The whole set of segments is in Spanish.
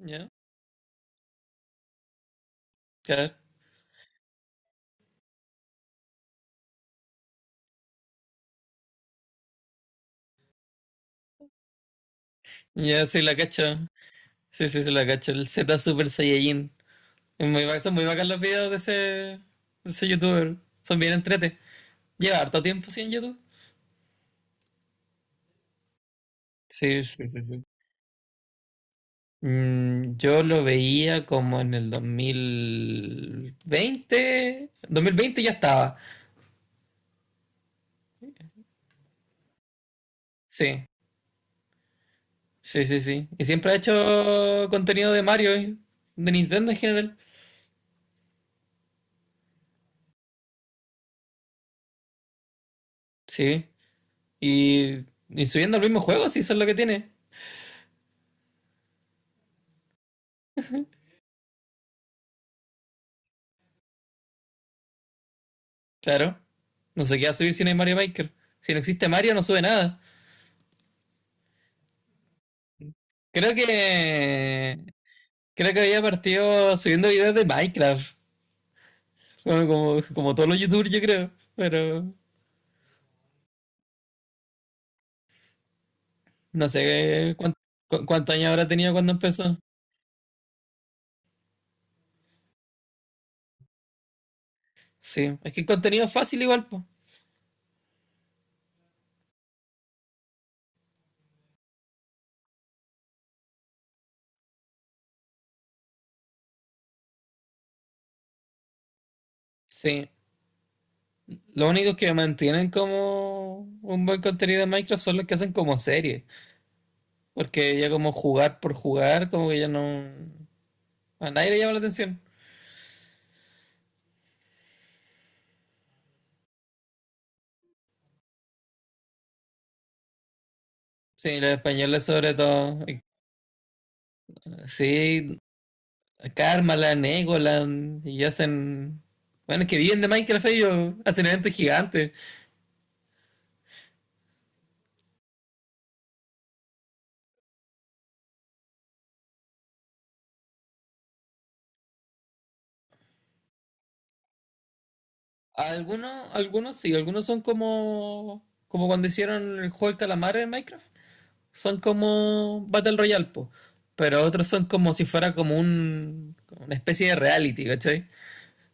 Ya, claro. Ya sí la cacho. Sí, sí, sí la cacho. El Z Super Saiyajin. Es muy, son muy bacán los videos de ese youtuber. Son bien entrete. Lleva harto tiempo sin YouTube. Sí, sí, sí, sí. Yo lo veía como en el 2020. 2020 ya estaba. Sí, sí, sí, sí. Y siempre ha hecho contenido de Mario, y de Nintendo en general. Sí. Y, y subiendo el mismo juego, sí, eso es lo que tiene. Claro. No sé qué va a subir si no hay Mario Maker. Si no existe Mario, no sube nada. Creo que. Creo que había partido subiendo videos de Minecraft. Como todos los youtubers, yo creo. Pero no sé qué- cuánto, cu- cuántos años habrá tenido cuando empezó. Sí. Es que el contenido es fácil igual, pues. Sí. Lo único que mantienen como un buen contenido de Minecraft son los que hacen como series. Porque ya como jugar por jugar, como que ya no. A nadie le llama la atención. Sí, los españoles sobre todo. Sí, Karmaland, Egoland, y hacen. Bueno, es que viven de Minecraft ellos, hacen eventos gigantes. Algunos sí, algunos son como. Como cuando hicieron el juego del calamar en Minecraft. Son como Battle Royale, po. Pero otros son como si fuera como un. Como una especie de reality, ¿cachai?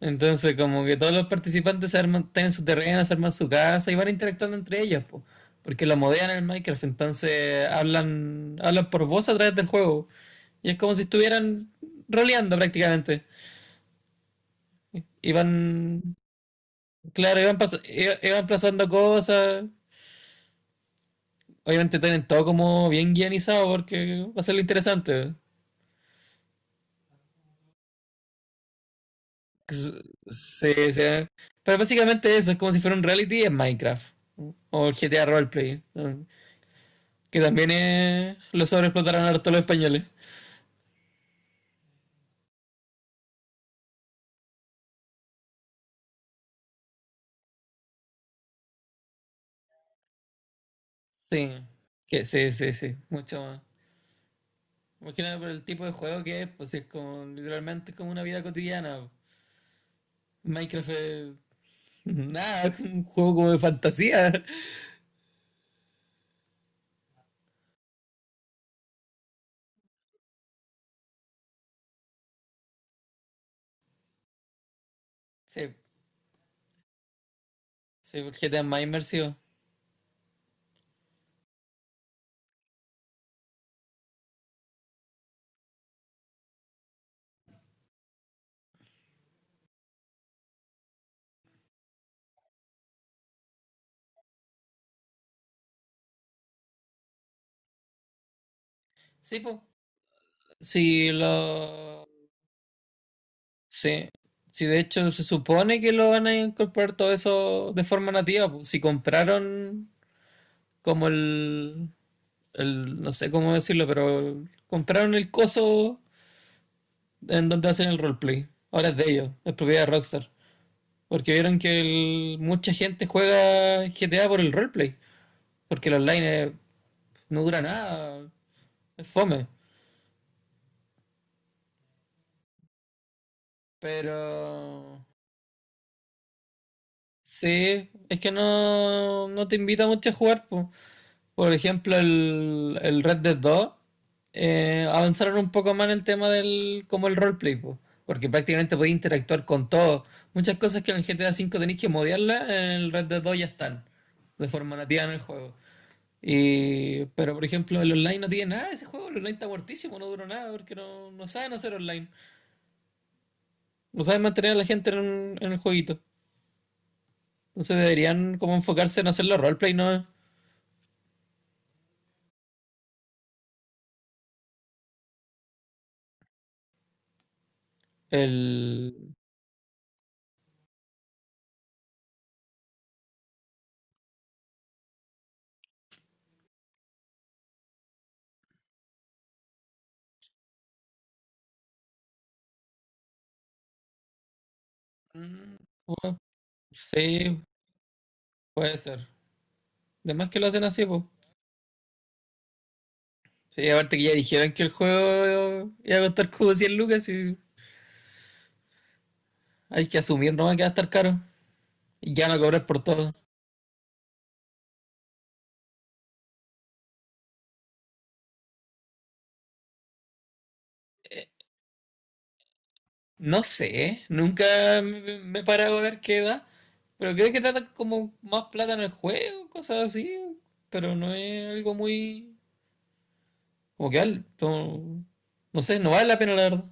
Entonces, como que todos los participantes se arman, tienen su terreno, se arman su casa y van interactuando entre ellas, po, porque lo modean en el Minecraft, entonces hablan, hablan por voz a través del juego. Y es como si estuvieran roleando prácticamente. Y van, claro, iban pasando cosas. Obviamente tienen todo como bien guionizado porque va a ser lo interesante. Sí, sí. Pero básicamente eso, es como si fuera un reality en Minecraft. O el GTA Roleplay, ¿no? Que también lo sobreexplotaron harto los españoles. Sí. Que sí, sí, sí, mucho más. Imagínate por el tipo de juego que es, pues es como literalmente es como una vida cotidiana. Minecraft es nada, es un juego como de fantasía. Sí, sí, porque te es más inmersivo. Sí, pues. Sí, lo. Sí. Sí, de hecho se supone que lo van a incorporar todo eso de forma nativa, pues. Si compraron como el no sé cómo decirlo, pero compraron el coso en donde hacen el roleplay. Ahora es de ellos, es propiedad de Rockstar. Porque vieron que mucha gente juega GTA por el roleplay. Porque el no dura nada, es fome. Pero sí, es que no, no te invita mucho a jugar, po. Por ejemplo, el Red Dead 2, avanzaron un poco más en el tema del como el roleplay, po, porque prácticamente podéis interactuar con todo. Muchas cosas que en el GTA V tenéis que modiarlas, en el Red Dead 2 ya están, de forma nativa en el juego. Y, pero por ejemplo, el online no tiene nada, de ese juego, el online está muertísimo, no duró nada, porque no, no saben hacer online, no saben mantener a la gente en el jueguito. Entonces deberían como enfocarse en hacer los roleplay, ¿no? El... mm, bueno, sí, puede ser. Además que lo hacen así, pues. Sí, aparte que ya dijeron que el juego iba a costar como 100 lucas y hay que asumir nomás que va a estar caro. Y ya van a cobrar por todo. No sé, nunca me he parado a ver qué da. Pero creo que trata como más plata en el juego, cosas así. Pero no es algo muy... Como que alto. No no sé, no vale la pena la verdad.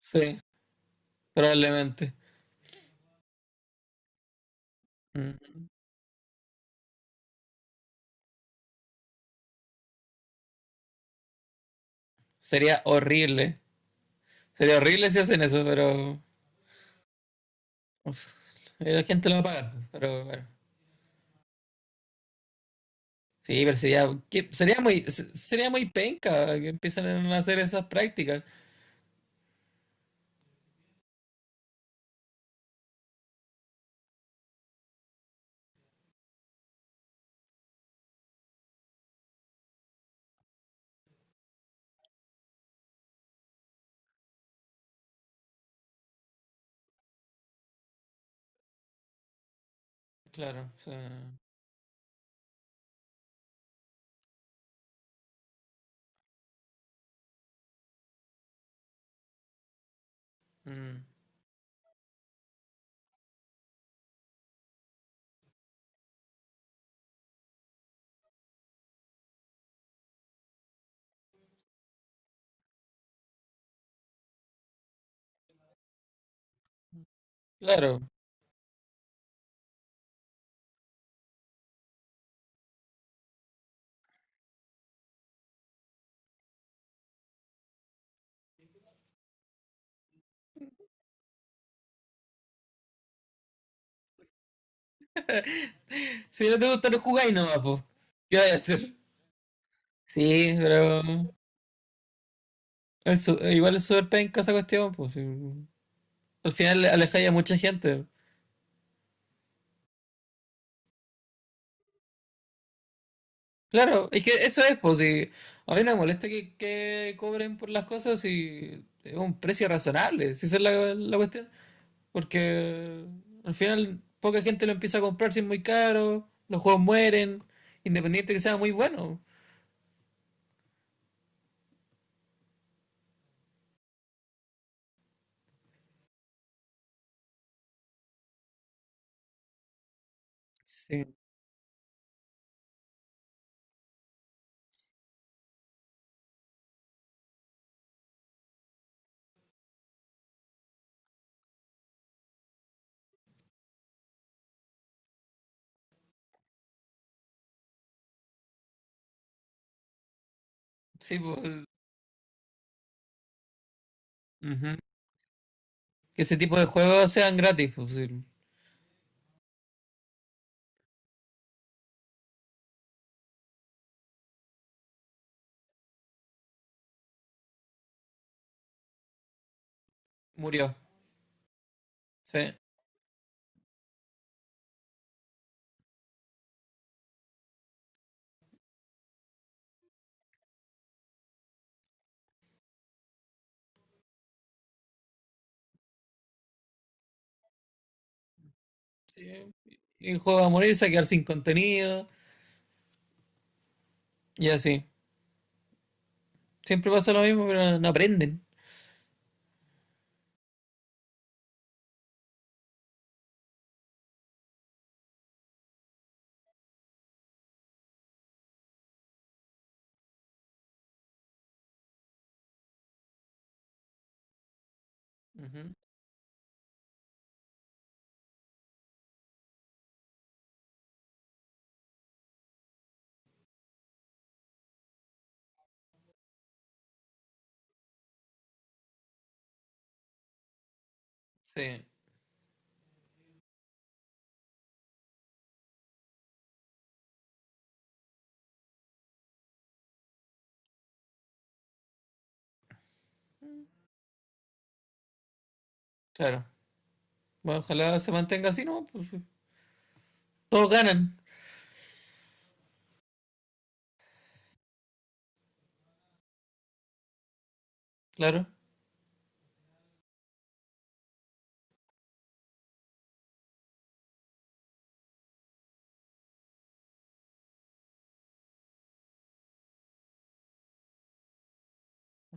Sí, probablemente. Mm. Sería horrible. Sería horrible si hacen eso, pero... uf, la gente lo va a pagar, pero bueno. Sí, pero sería, sería muy, sería muy penca que empiecen a hacer esas prácticas. Claro, o sea, mm, claro. Si no te gusta, no jugáis nomás, pues. ¿Qué vas a hacer? Sí, pero es igual es súper penca esa cuestión, pues, sí. Al final alejáis a mucha gente. Claro, es que eso es, pues. Si a mí no me molesta que cobren por las cosas y es un precio razonable, si esa es la cuestión. Porque al final poca gente lo empieza a comprar si es muy caro, los juegos mueren, independiente que sea muy bueno. Sí. Sí, pues, ujú. Que ese tipo de juegos sean gratis, pues sí, murió. Sí. Y el juego va a morir, se va a quedar sin contenido y así. Siempre pasa lo mismo, pero no aprenden. Ujú. Sí, claro. Bueno, ojalá se mantenga así, ¿no? Pues, sí, todos ganan, claro.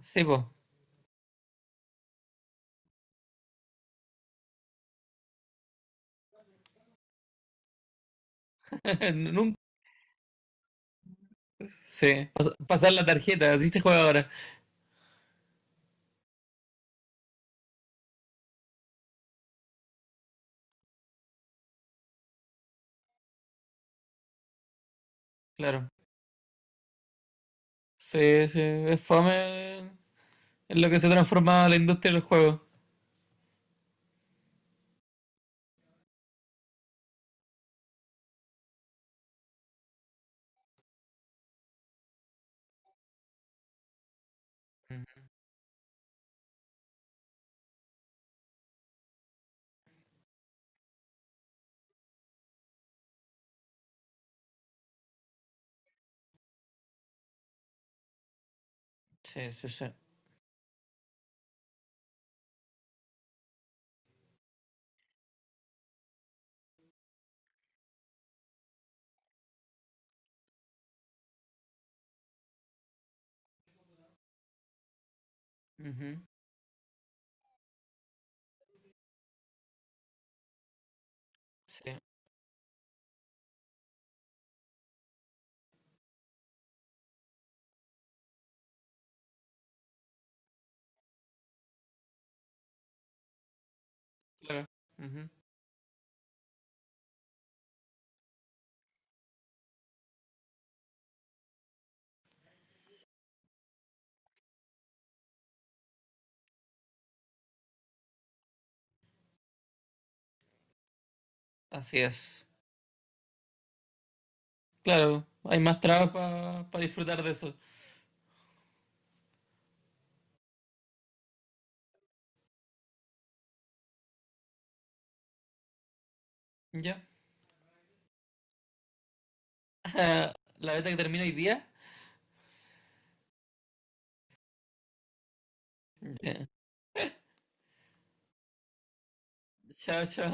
Sí, pues. Nunca. Sí. Pasar la tarjeta, así se juega ahora. Claro. Sí, sí, es fome en lo que se transforma la industria del juego. Ujú. Sí, sí, sí. Ujú, sí, claro. Ujú, así es. Claro, hay más trabas para disfrutar de eso. Ya. La beta que termina hoy día. Ya. Chao, chao.